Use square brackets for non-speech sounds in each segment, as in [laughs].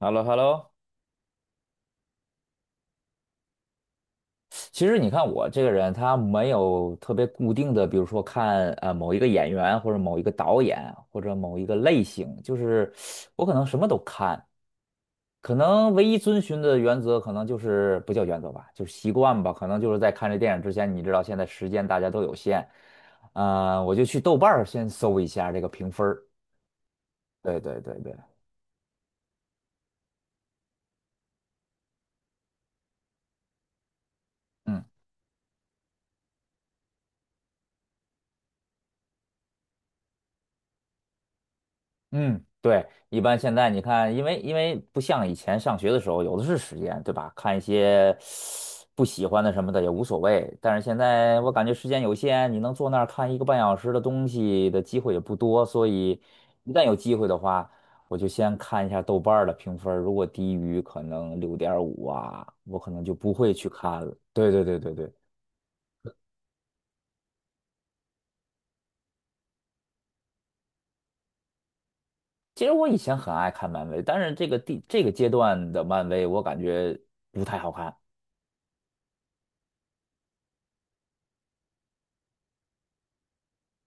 h e l l o h e l l o 其实你看我这个人，他没有特别固定的，比如说看某一个演员或者某一个导演或者某一个类型，就是我可能什么都看，可能唯一遵循的原则可能就是不叫原则吧，就是习惯吧，可能就是在看这电影之前，你知道现在时间大家都有限，我就去豆瓣儿先搜一下这个评分儿。对对对对，嗯。嗯，对，一般现在你看，因为不像以前上学的时候，有的是时间，对吧？看一些不喜欢的什么的也无所谓。但是现在我感觉时间有限，你能坐那儿看一个半小时的东西的机会也不多，所以一旦有机会的话，我就先看一下豆瓣儿的评分儿如果低于可能六点五啊，我可能就不会去看了。对对对对对。其实我以前很爱看漫威，但是这个这个阶段的漫威，我感觉不太好看。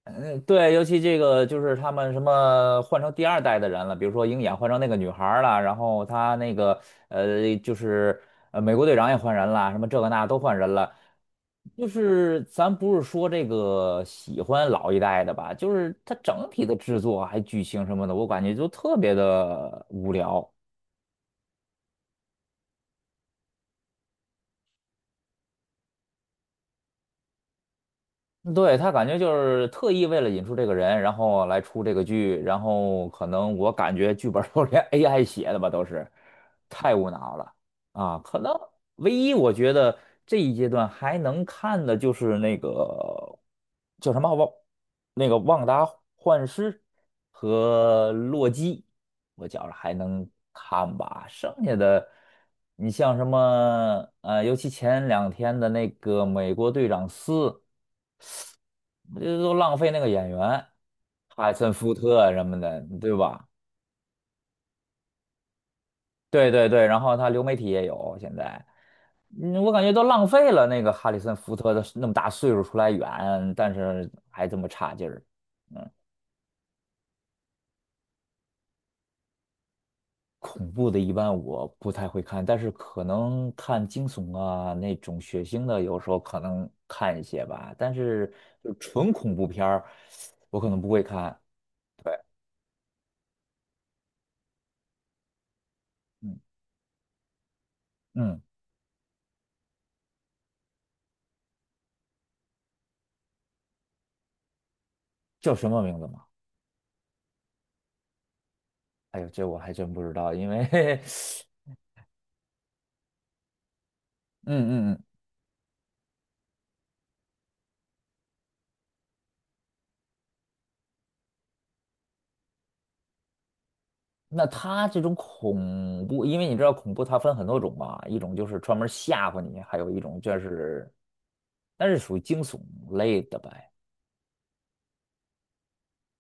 嗯，对，尤其这个就是他们什么换成第二代的人了，比如说鹰眼换成那个女孩儿了，然后他那个就是美国队长也换人了，什么这个那都换人了。就是咱不是说这个喜欢老一代的吧，就是它整体的制作还剧情什么的，我感觉就特别的无聊。对，他感觉就是特意为了引出这个人，然后来出这个剧，然后可能我感觉剧本儿都连 AI 写的吧，都是太无脑了啊！可能唯一我觉得这一阶段还能看的就是那个叫什么旺，那个旺达幻视和洛基，我觉着还能看吧，剩下的。你像什么，尤其前两天的那个《美国队长四》，这都浪费那个演员，哈里森福特什么的，对吧？对对对，然后他流媒体也有现在，嗯我感觉都浪费了那个哈里森福特的那么大岁数出来演，但是还这么差劲儿。嗯，恐怖的一般我不太会看，但是可能看惊悚啊那种血腥的，有时候可能看一些吧。但是就纯恐怖片儿，我可能不会看。对，嗯嗯，叫什么名字吗？哎呦，这我还真不知道，因为 [laughs] 嗯嗯嗯，那他这种恐怖，因为你知道恐怖它分很多种嘛，一种就是专门吓唬你，还有一种就是，但是属于惊悚类的呗，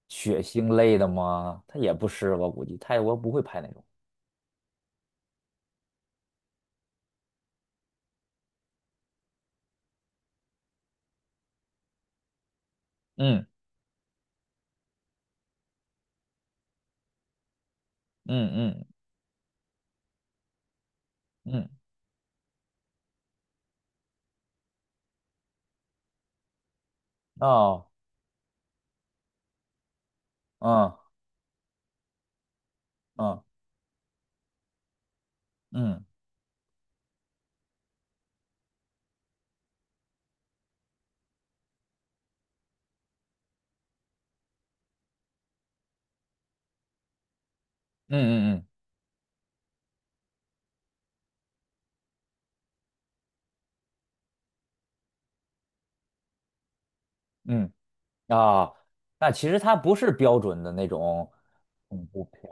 血腥类的吗？他也不是，我估计泰国不会拍那种。嗯嗯嗯嗯，嗯哦，嗯嗯嗯嗯嗯嗯嗯啊，那其实它不是标准的那种恐怖片。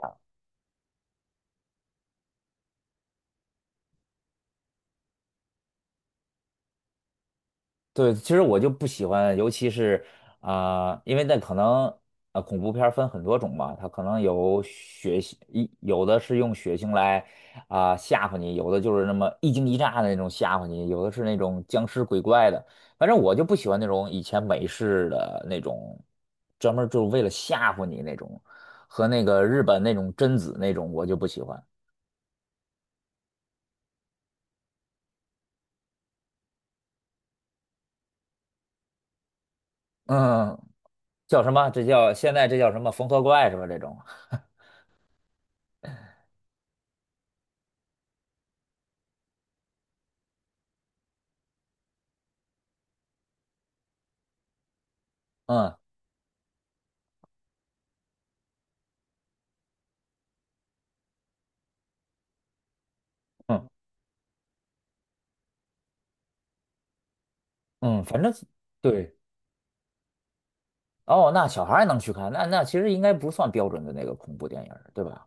对，其实我就不喜欢，尤其是啊、因为那可能啊恐怖片儿分很多种嘛，它可能有血腥，一有的是用血腥来啊、吓唬你，有的就是那么一惊一乍的那种吓唬你，有的是那种僵尸鬼怪的，反正我就不喜欢那种以前美式的那种，专门儿就是为了吓唬你那种，和那个日本那种贞子那种我就不喜欢。嗯，叫什么？这叫现在这叫什么缝合怪是吧？这种，嗯。嗯嗯，反正对哦，那小孩儿也能去看，那其实应该不算标准的那个恐怖电影儿，对吧？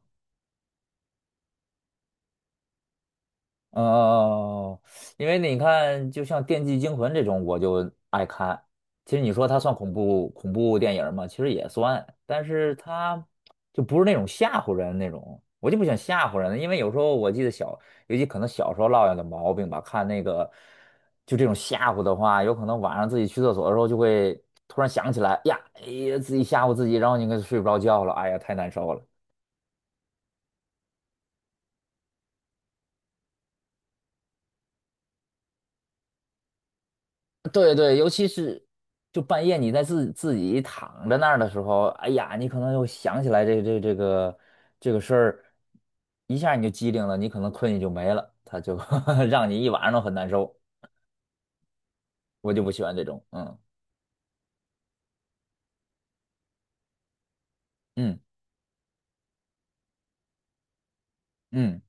哦，因为你看，就像《电锯惊魂》这种，我就爱看。其实你说它算恐怖电影吗？其实也算，但是它就不是那种吓唬人那种。我就不想吓唬人，因为有时候我记得小，尤其可能小时候落下的毛病吧，看那个就这种吓唬的话，有可能晚上自己去厕所的时候就会突然想起来，哎呀，哎呀，自己吓唬自己，然后你可睡不着觉了，哎呀，太难受了。对对，尤其是就半夜你在自己躺着那儿的时候，哎呀，你可能又想起来这个事儿，一下你就机灵了，你可能困意就没了，他就 [laughs] 让你一晚上都很难受。我就不喜欢这种，嗯嗯嗯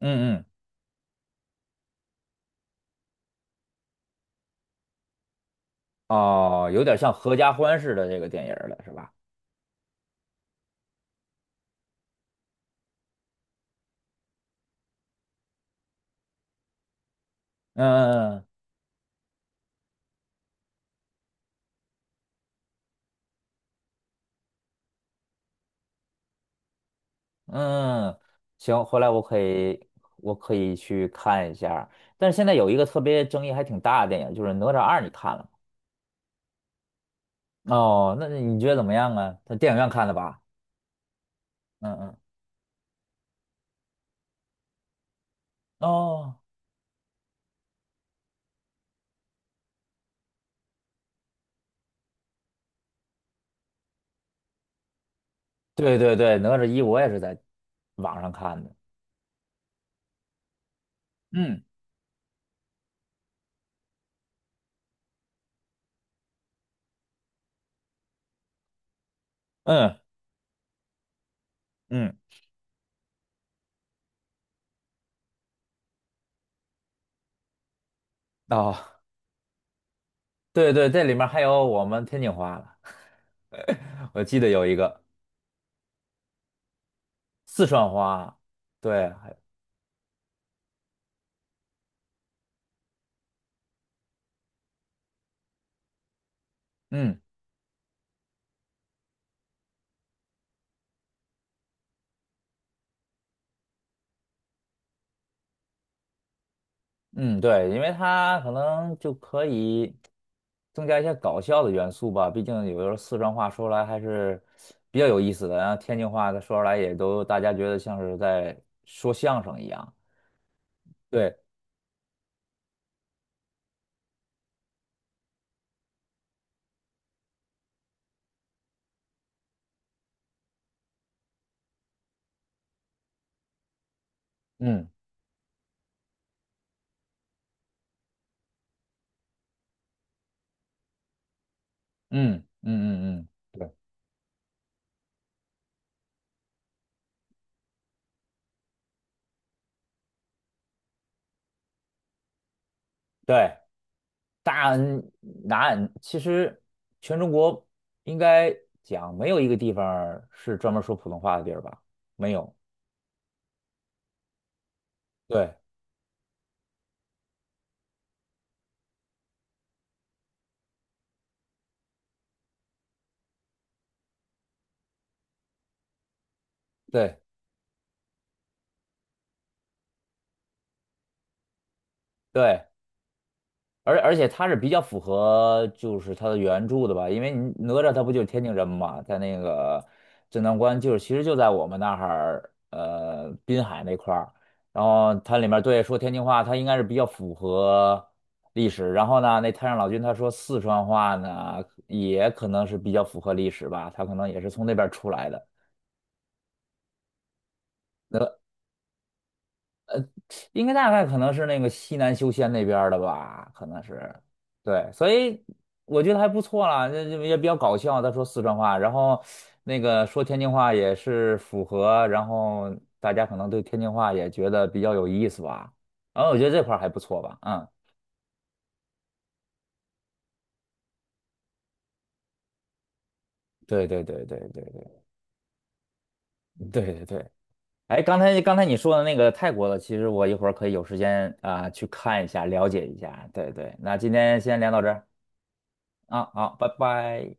嗯嗯，哦，有点像合家欢似的这个电影儿了，是吧？嗯嗯嗯，行，回来我可以去看一下但是现在有一个特别争议还挺大的电影，就是《哪吒二》，你看了吗？哦，那你觉得怎么样啊？在电影院看的吧？嗯嗯。哦，对对对，哪吒一我也是在网上看的。嗯嗯嗯。哦，对对，这里面还有我们天津话了，[laughs] 我记得有一个四川话，对，还有嗯。嗯，对，因为它可能就可以增加一些搞笑的元素吧，毕竟有的时候四川话说出来还是比较有意思的，然后天津话它说出来也都大家觉得像是在说相声一样。对，嗯嗯嗯嗯嗯，对对，大南其实全中国应该讲没有一个地方儿是专门说普通话的地儿吧？没有，对对对。而且他是比较符合就是他的原著的吧，因为你哪吒他不就是天津人嘛，在那个镇南关就是其实就在我们那儿，滨海那块儿，然后它里面对说天津话，它应该是比较符合历史。然后呢，那太上老君他说四川话呢，也可能是比较符合历史吧，他可能也是从那边儿出来的。应该大概可能是那个西南修仙那边儿的吧，可能是，对，所以我觉得还不错啦，这也比较搞笑。他说四川话，然后那个说天津话也是符合，然后大家可能对天津话也觉得比较有意思吧。然后我觉得这块儿还不错吧，嗯，对对对对对对对对对。哎，刚才你说的那个泰国的，其实我一会儿可以有时间啊、去看一下，了解一下。对对，那今天先聊到这儿啊，好，拜拜。